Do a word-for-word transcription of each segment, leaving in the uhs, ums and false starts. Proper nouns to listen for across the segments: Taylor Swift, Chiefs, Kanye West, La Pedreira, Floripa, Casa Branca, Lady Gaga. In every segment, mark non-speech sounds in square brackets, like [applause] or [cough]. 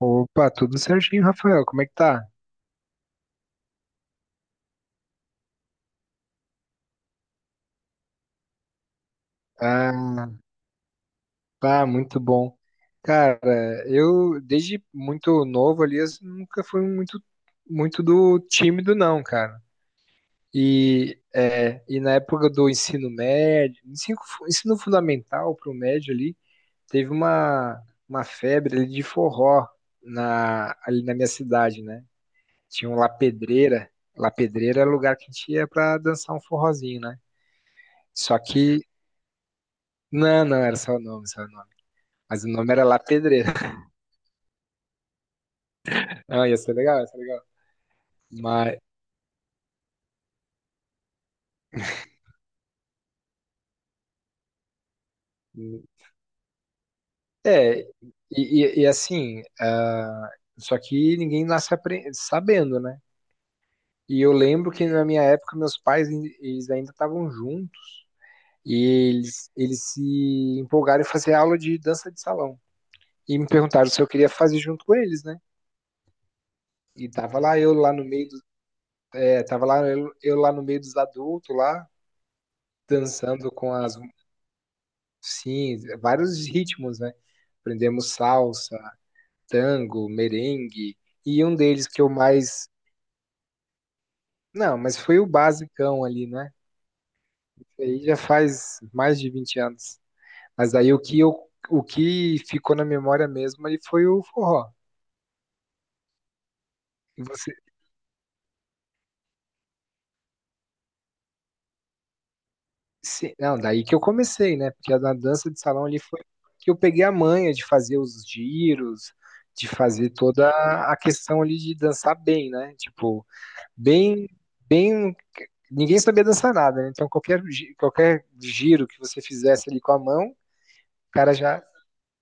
Opa, tudo certinho, Rafael. Como é que tá? Ah, tá muito bom. Cara, eu desde muito novo ali, eu nunca fui muito, muito do tímido, não, cara. E, é, e na época do ensino médio, ensino, fu- ensino fundamental pro médio ali, teve uma, uma febre ali de forró na, ali na minha cidade, né? Tinha um La Pedreira. La Pedreira era o lugar que a gente ia pra dançar um forrozinho, né? Só que Não, não, era só o nome, só o nome. Mas o nome era lá Pedreira. [laughs] Não, ia ser legal, ia ser legal. Mas, é, e, e- e assim, ah, só que ninguém nasce apre- sabendo, né? E eu lembro que na minha época meus pais in- eles ainda estavam juntos e eles, eles se empolgaram em fazer aula de dança de salão. E me perguntaram se eu queria fazer junto com eles, né? E tava lá eu lá no meio, do, é, tava lá eu, eu lá no meio dos adultos lá, dançando. Com as Sim, vários ritmos, né? Aprendemos salsa, tango, merengue, e um deles que eu mais. Não, mas foi o basicão ali, né? Aí já faz mais de vinte anos. Mas aí o que, eu, o que ficou na memória mesmo ali foi o forró. E você... Sim, não, daí que eu comecei, né? Porque na dança de salão ali foi que eu peguei a manha de fazer os giros, de fazer toda a questão ali de dançar bem, né? Tipo, bem bem ninguém sabia dançar nada, né? Então qualquer, qualquer giro que você fizesse ali com a mão, o cara já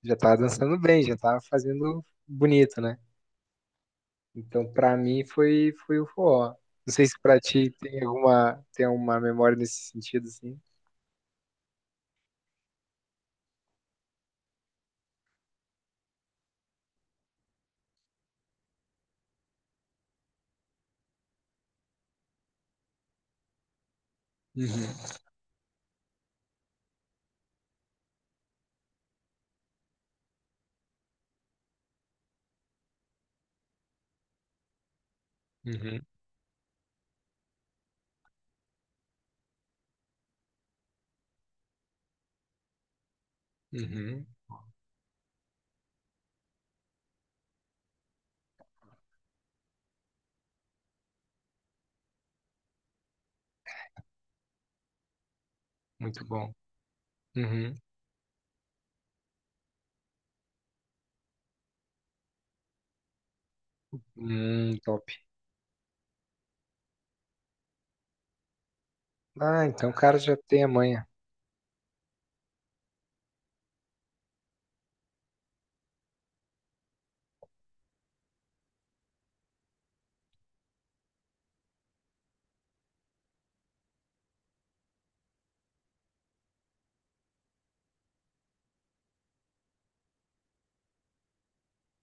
já tava dançando bem, já tava fazendo bonito, né? Então pra mim foi foi o forró. Não sei se pra ti tem alguma tem uma memória nesse sentido assim. Uhum, uhum, uhum. Muito bom. Uhum. Hum, top. Ah, então o cara já tem a manha.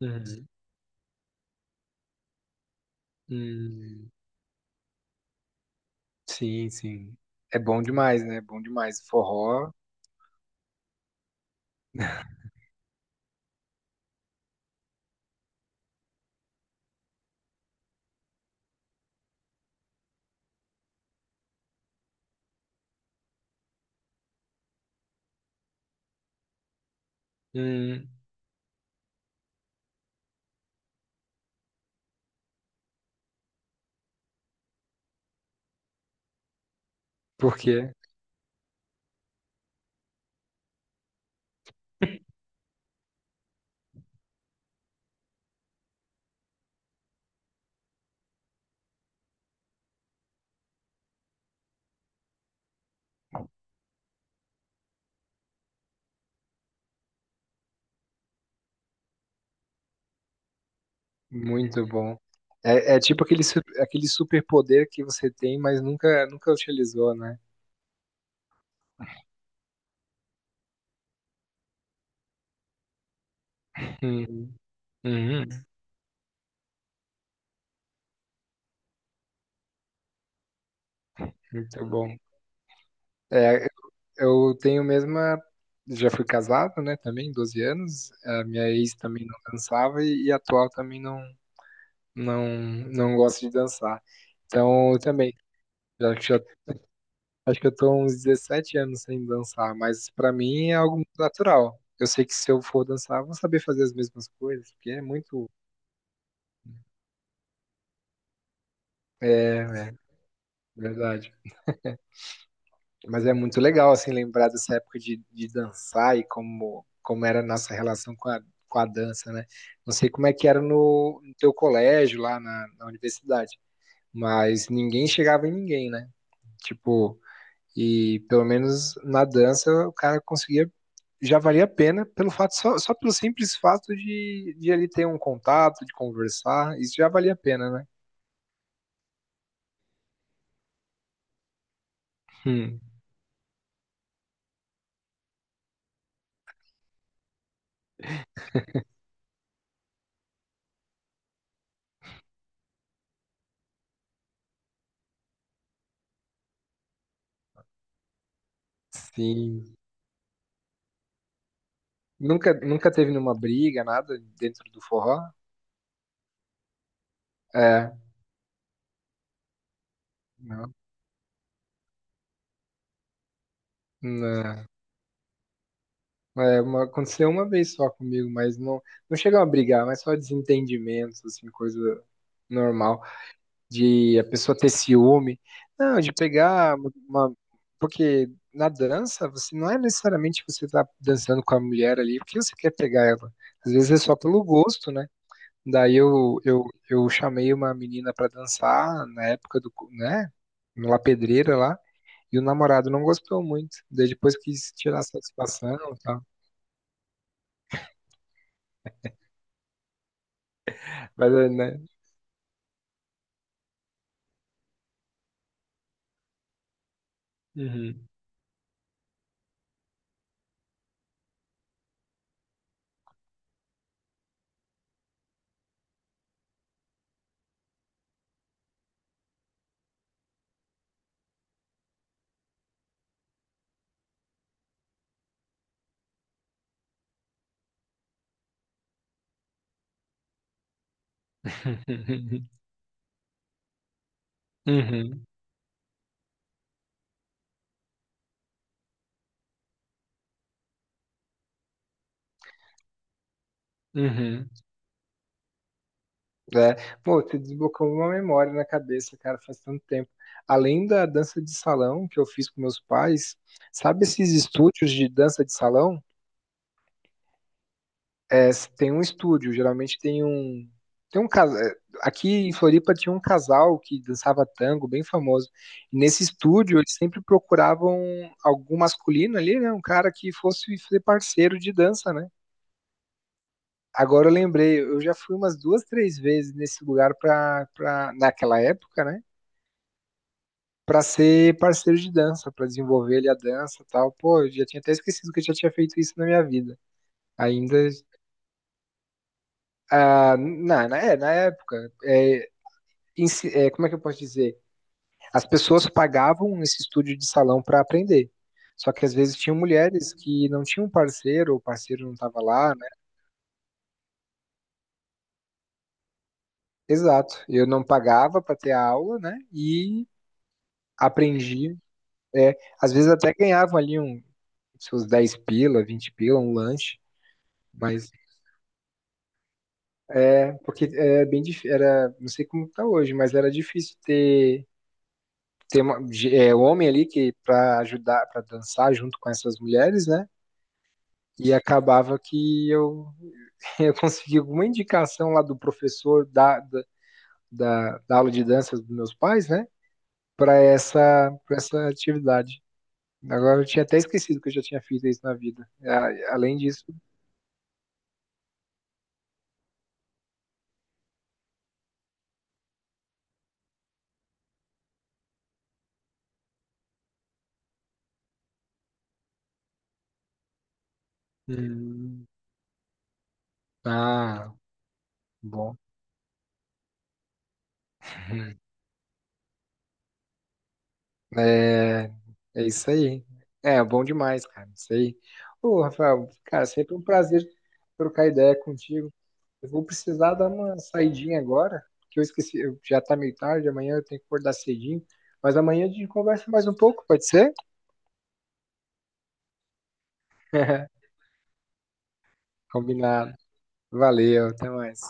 Uhum. Hum, sim, sim. É bom demais, né? É bom demais. Forró. Hum, por quê? Muito bom. É, é tipo aquele, su- aquele superpoder que você tem, mas nunca, nunca utilizou, né? Uhum. Uhum. Muito bom. É, eu tenho mesma. Já fui casado, né? Também, doze anos. A minha ex também não dançava e, e a atual também não, não, não gosta de dançar. Então, eu também. Já, já, acho que eu tô uns dezessete anos sem dançar, mas pra mim é algo muito natural. Eu sei que se eu for dançar, eu vou saber fazer as mesmas coisas, porque é muito. É, verdade. Mas é muito legal, assim, lembrar dessa época de, de, dançar e como, como era a nossa relação com a, com a dança, né? Não sei como é que era no, no teu colégio, lá na, na universidade, mas ninguém chegava em ninguém, né? Tipo, e pelo menos na dança o cara conseguia, já valia a pena pelo fato, só, só pelo simples fato de, de ele ter um contato, de conversar, isso já valia a pena, né? Hum, sim. Nunca, nunca teve nenhuma briga, nada dentro do forró? É, não, não. É, uma, aconteceu uma vez só comigo, mas não, não chegam a brigar, mas só desentendimentos, assim, coisa normal, de a pessoa ter ciúme. Não, de pegar uma. Porque na dança, você não é necessariamente que você tá dançando com a mulher ali, porque você quer pegar ela. Às vezes é só pelo gosto, né? Daí eu, eu, eu chamei uma menina pra dançar na época do, cu- né? Na pedreira lá. E o namorado não gostou muito. Daí depois quis tirar satisfação e tal. Mas, é, né? Uhum. [laughs] Uhum. Uhum. É. Pô, você desbloqueou uma memória na cabeça, cara, faz tanto tempo. Além da dança de salão que eu fiz com meus pais, sabe esses estúdios de dança de salão? É, tem um estúdio, geralmente tem um. Tem um casal. Aqui em Floripa tinha um casal que dançava tango, bem famoso. E nesse estúdio, eles sempre procuravam algum masculino ali, né? Um cara que fosse ser parceiro de dança, né? Agora eu lembrei, eu já fui umas duas, três vezes nesse lugar pra, pra, naquela época, né? Pra ser parceiro de dança, pra desenvolver ali a dança e tal. Pô, eu já tinha até esquecido que eu já tinha feito isso na minha vida. Ainda ah, na, na, é, na época. É, ens- é, como é que eu posso dizer? As pessoas pagavam esse estúdio de salão para aprender. Só que às vezes tinham mulheres que não tinham parceiro, ou o parceiro não estava lá, né? Exato. Eu não pagava para ter a aula, né? E aprendi. É, às vezes até ganhavam ali um, seus dez pila, vinte pila, um lanche. Mas é, porque é bem difícil, era, não sei como tá hoje, mas era difícil ter, ter uma, de- é, homem ali que para ajudar, para dançar junto com essas mulheres, né? E acabava que eu, [laughs] eu consegui alguma indicação lá do professor da, da, da- da aula de dança dos meus pais, né? Para essa, para essa atividade. Agora eu tinha até esquecido que eu já tinha feito isso na vida. A- Além disso. Hum, ah, bom. É, é isso aí. É, bom demais, cara. Isso aí. Ô, Rafael, cara, sempre um prazer trocar ideia contigo. Eu vou precisar dar uma saidinha agora, porque eu esqueci, eu- já tá meio tarde, amanhã eu tenho que acordar cedinho. Mas amanhã a gente conversa mais um pouco, pode ser? [laughs] Combinado. Valeu, até mais.